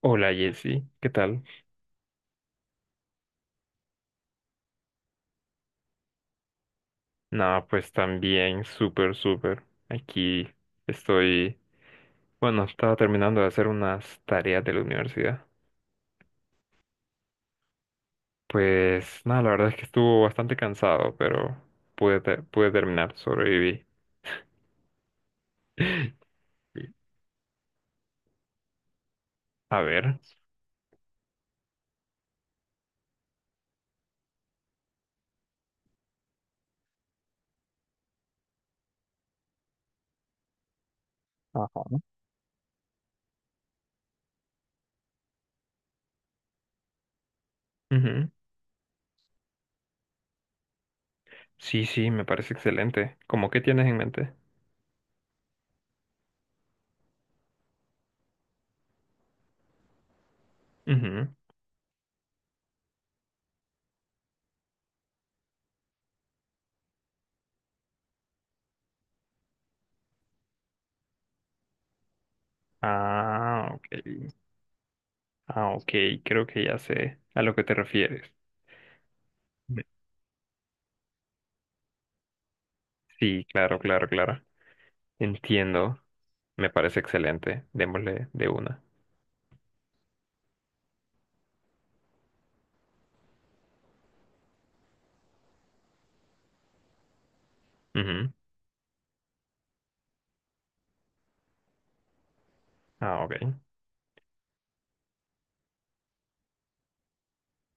Hola Jessy, ¿qué tal? Nada, pues también súper, súper. Aquí estoy, bueno, estaba terminando de hacer unas tareas de la universidad. Pues nada, la verdad es que estuvo bastante cansado, pero pude terminar, sobreviví. A ver. Ajá. Ujú. Sí, sí, me parece excelente. ¿Cómo qué tienes en mente? Ujú. Ah, ok. Ah, ok, creo que ya sé a lo que te refieres. Me- Sí, claro, claro, claro. Entiendo. Me parece excelente. Démosle de una. Ujú. Ah, ok.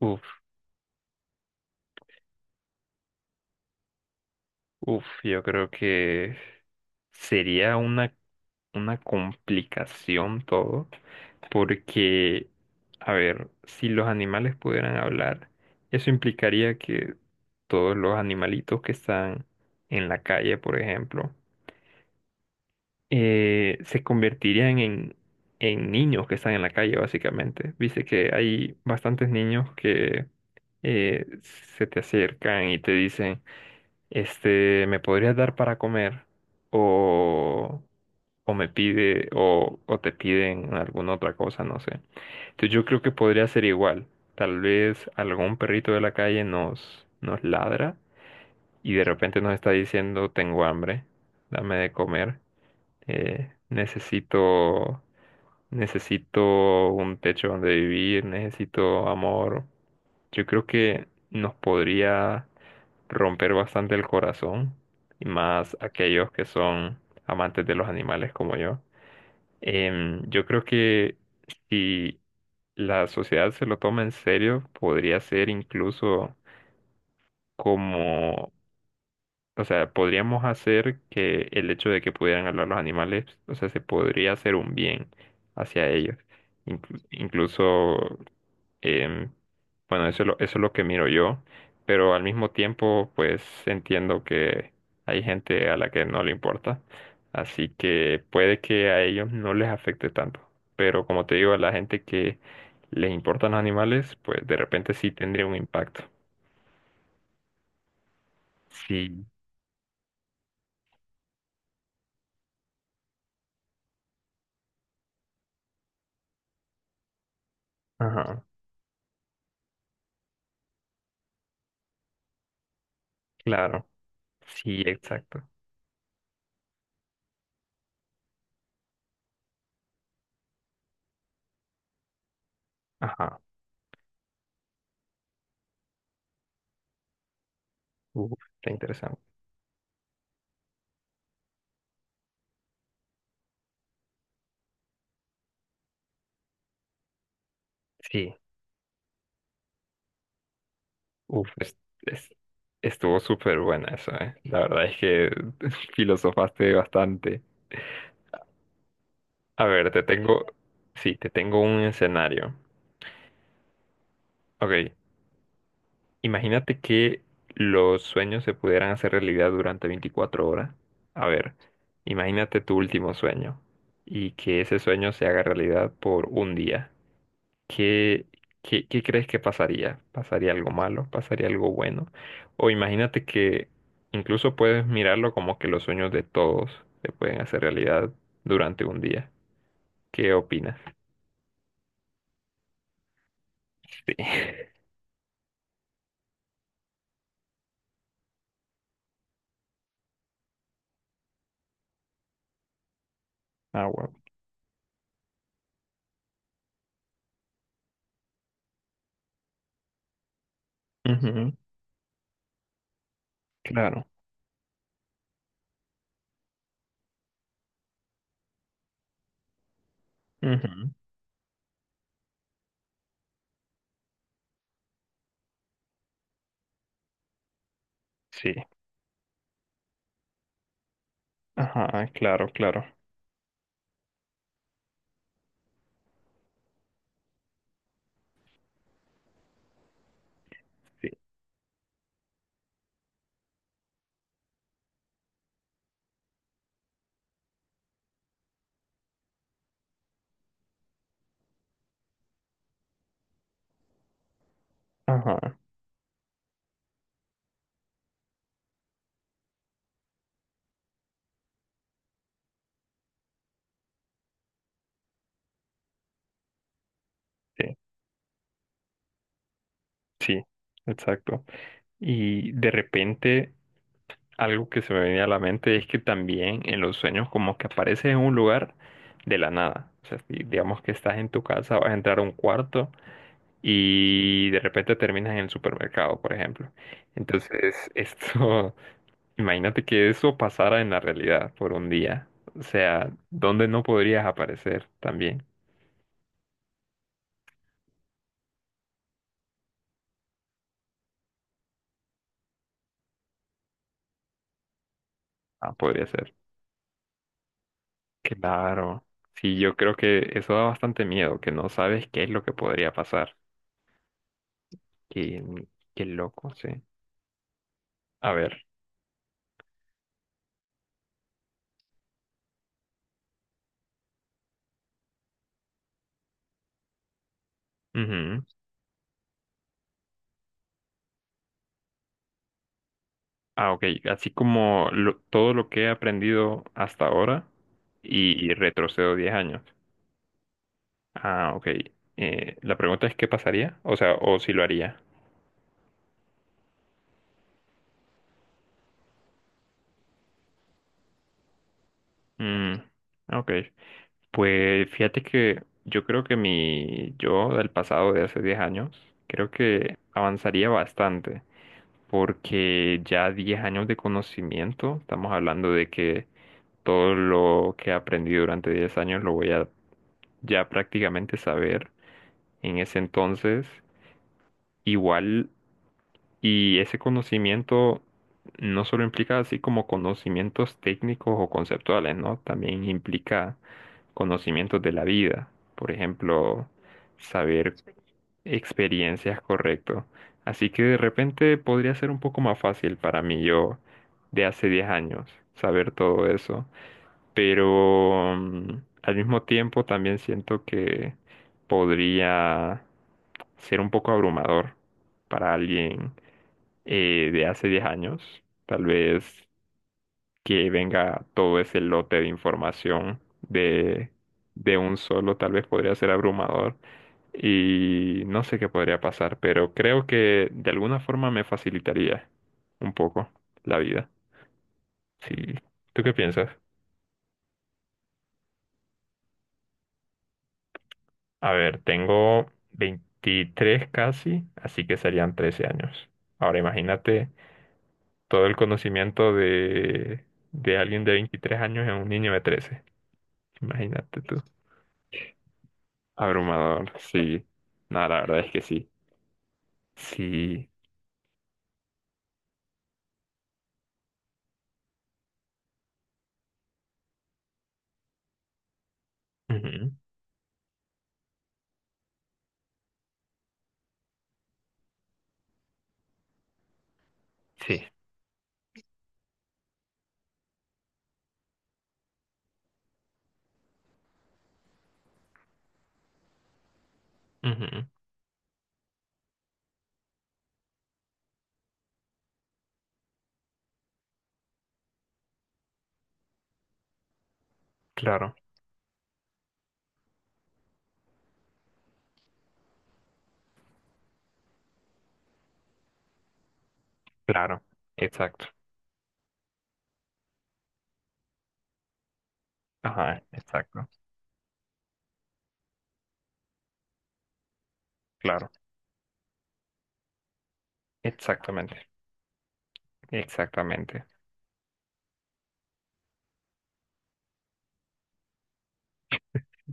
Uf, uf, yo creo que sería una complicación todo, porque, a ver, si los animales pudieran hablar, eso implicaría que todos los animalitos que están en la calle, por ejemplo, se convertirían en niños que están en la calle, básicamente. Viste que hay bastantes niños que se te acercan y te dicen, este, ¿me podrías dar para comer? O, o me pide, o te piden alguna otra cosa, no sé. Entonces yo creo que podría ser igual. Tal vez algún perrito de la calle nos ladra y de repente nos está diciendo, tengo hambre, dame de comer, necesito, necesito un techo donde vivir, necesito amor. Yo creo que nos podría romper bastante el corazón, y más aquellos que son amantes de los animales como yo. Yo creo que si la sociedad se lo toma en serio, podría ser incluso como, o sea, podríamos hacer que el hecho de que pudieran hablar los animales, o sea, se podría hacer un bien hacia ellos. Incluso, Em, bueno, eso es lo que miro yo, pero al mismo tiempo, pues entiendo que hay gente a la que no le importa, así que puede que a ellos no les afecte tanto, pero como te digo, a la gente que les importan los animales, pues de repente sí tendría un impacto. Sí, ajá, claro, sí, exacto, ajá, uf, está interesante. Sí. Uf, es- estuvo súper buena eso, ¿eh? La verdad es que filosofaste bastante. A ver, te tengo, sí, te tengo un escenario. Ok, imagínate que los sueños se pudieran hacer realidad durante 24 horas. A ver, imagínate tu último sueño y que ese sueño se haga realidad por un día. ¿Qué, qué crees que pasaría? ¿Pasaría algo malo? ¿Pasaría algo bueno? O imagínate que incluso puedes mirarlo como que los sueños de todos se pueden hacer realidad durante un día. ¿Qué opinas? Sí. Ah, wow. Ujú. Claro. Ujú. Sí. Ajá, claro, claro. Sí. Ajá, sí, sí, exacto. Y de repente, algo que se me venía a la mente es que también en los sueños como que apareces en un lugar de la nada. O sea, si digamos que estás en tu casa, vas a entrar a un cuarto y de repente terminas en el supermercado, por ejemplo. Entonces, esto, imagínate que eso pasara en la realidad por un día. O sea, ¿dónde no podrías aparecer también? Ah, podría ser. Claro. Sí, yo creo que eso da bastante miedo, que no sabes qué es lo que podría pasar. Qué, qué loco, sí. A ver. Ujú. Ah, ok. Así como todo lo que he aprendido hasta ahora y retrocedo 10 años. Ah, ok. La pregunta es qué pasaría, o sea, o si lo haría. Mm, ok. Pues fíjate que yo creo que mi yo del pasado de hace 10 años, creo que avanzaría bastante, porque ya 10 años de conocimiento, estamos hablando de que todo lo que he aprendido durante 10 años lo voy a ya prácticamente saber. En ese entonces, igual, y ese conocimiento no solo implica así como conocimientos técnicos o conceptuales, ¿no? También implica conocimientos de la vida, por ejemplo, saber experiencias correcto. Así que de repente podría ser un poco más fácil para mí yo de hace 10 años saber todo eso, pero al mismo tiempo también siento que podría ser un poco abrumador para alguien de hace 10 años. Tal vez que venga todo ese lote de información de un solo, tal vez podría ser abrumador y no sé qué podría pasar, pero creo que de alguna forma me facilitaría un poco la vida. Sí. ¿Tú qué piensas? A ver, tengo 23 casi, así que serían 13 años. Ahora imagínate todo el conocimiento de alguien de 23 años en un niño de 13. Imagínate tú. Abrumador, sí. No, la verdad es que sí. Sí. Ujú. Sí. Ujú. Claro, claro. Exacto. Ajá, exacto. Claro. Exactamente. Exactamente.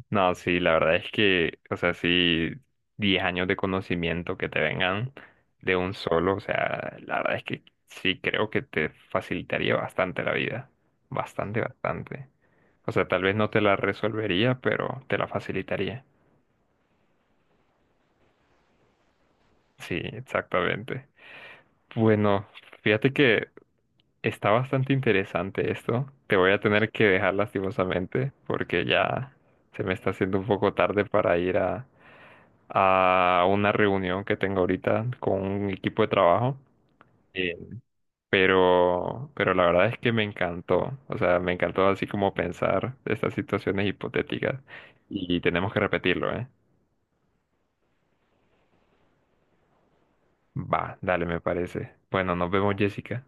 No, sí, la verdad es que, o sea, sí, 10 años de conocimiento que te vengan de un solo, o sea, la verdad es que sí creo que te facilitaría bastante la vida, bastante, bastante. O sea, tal vez no te la resolvería, pero te la facilitaría. Sí, exactamente. Bueno, fíjate que está bastante interesante esto. Te voy a tener que dejar lastimosamente porque ya se me está haciendo un poco tarde para ir a, una reunión que tengo ahorita con un equipo de trabajo. Eh, pero la verdad es que me encantó. O sea, me encantó así como pensar estas situaciones hipotéticas. Y tenemos que repetirlo, ¿eh? Va, dale, me parece. Bueno, nos vemos, Jessica.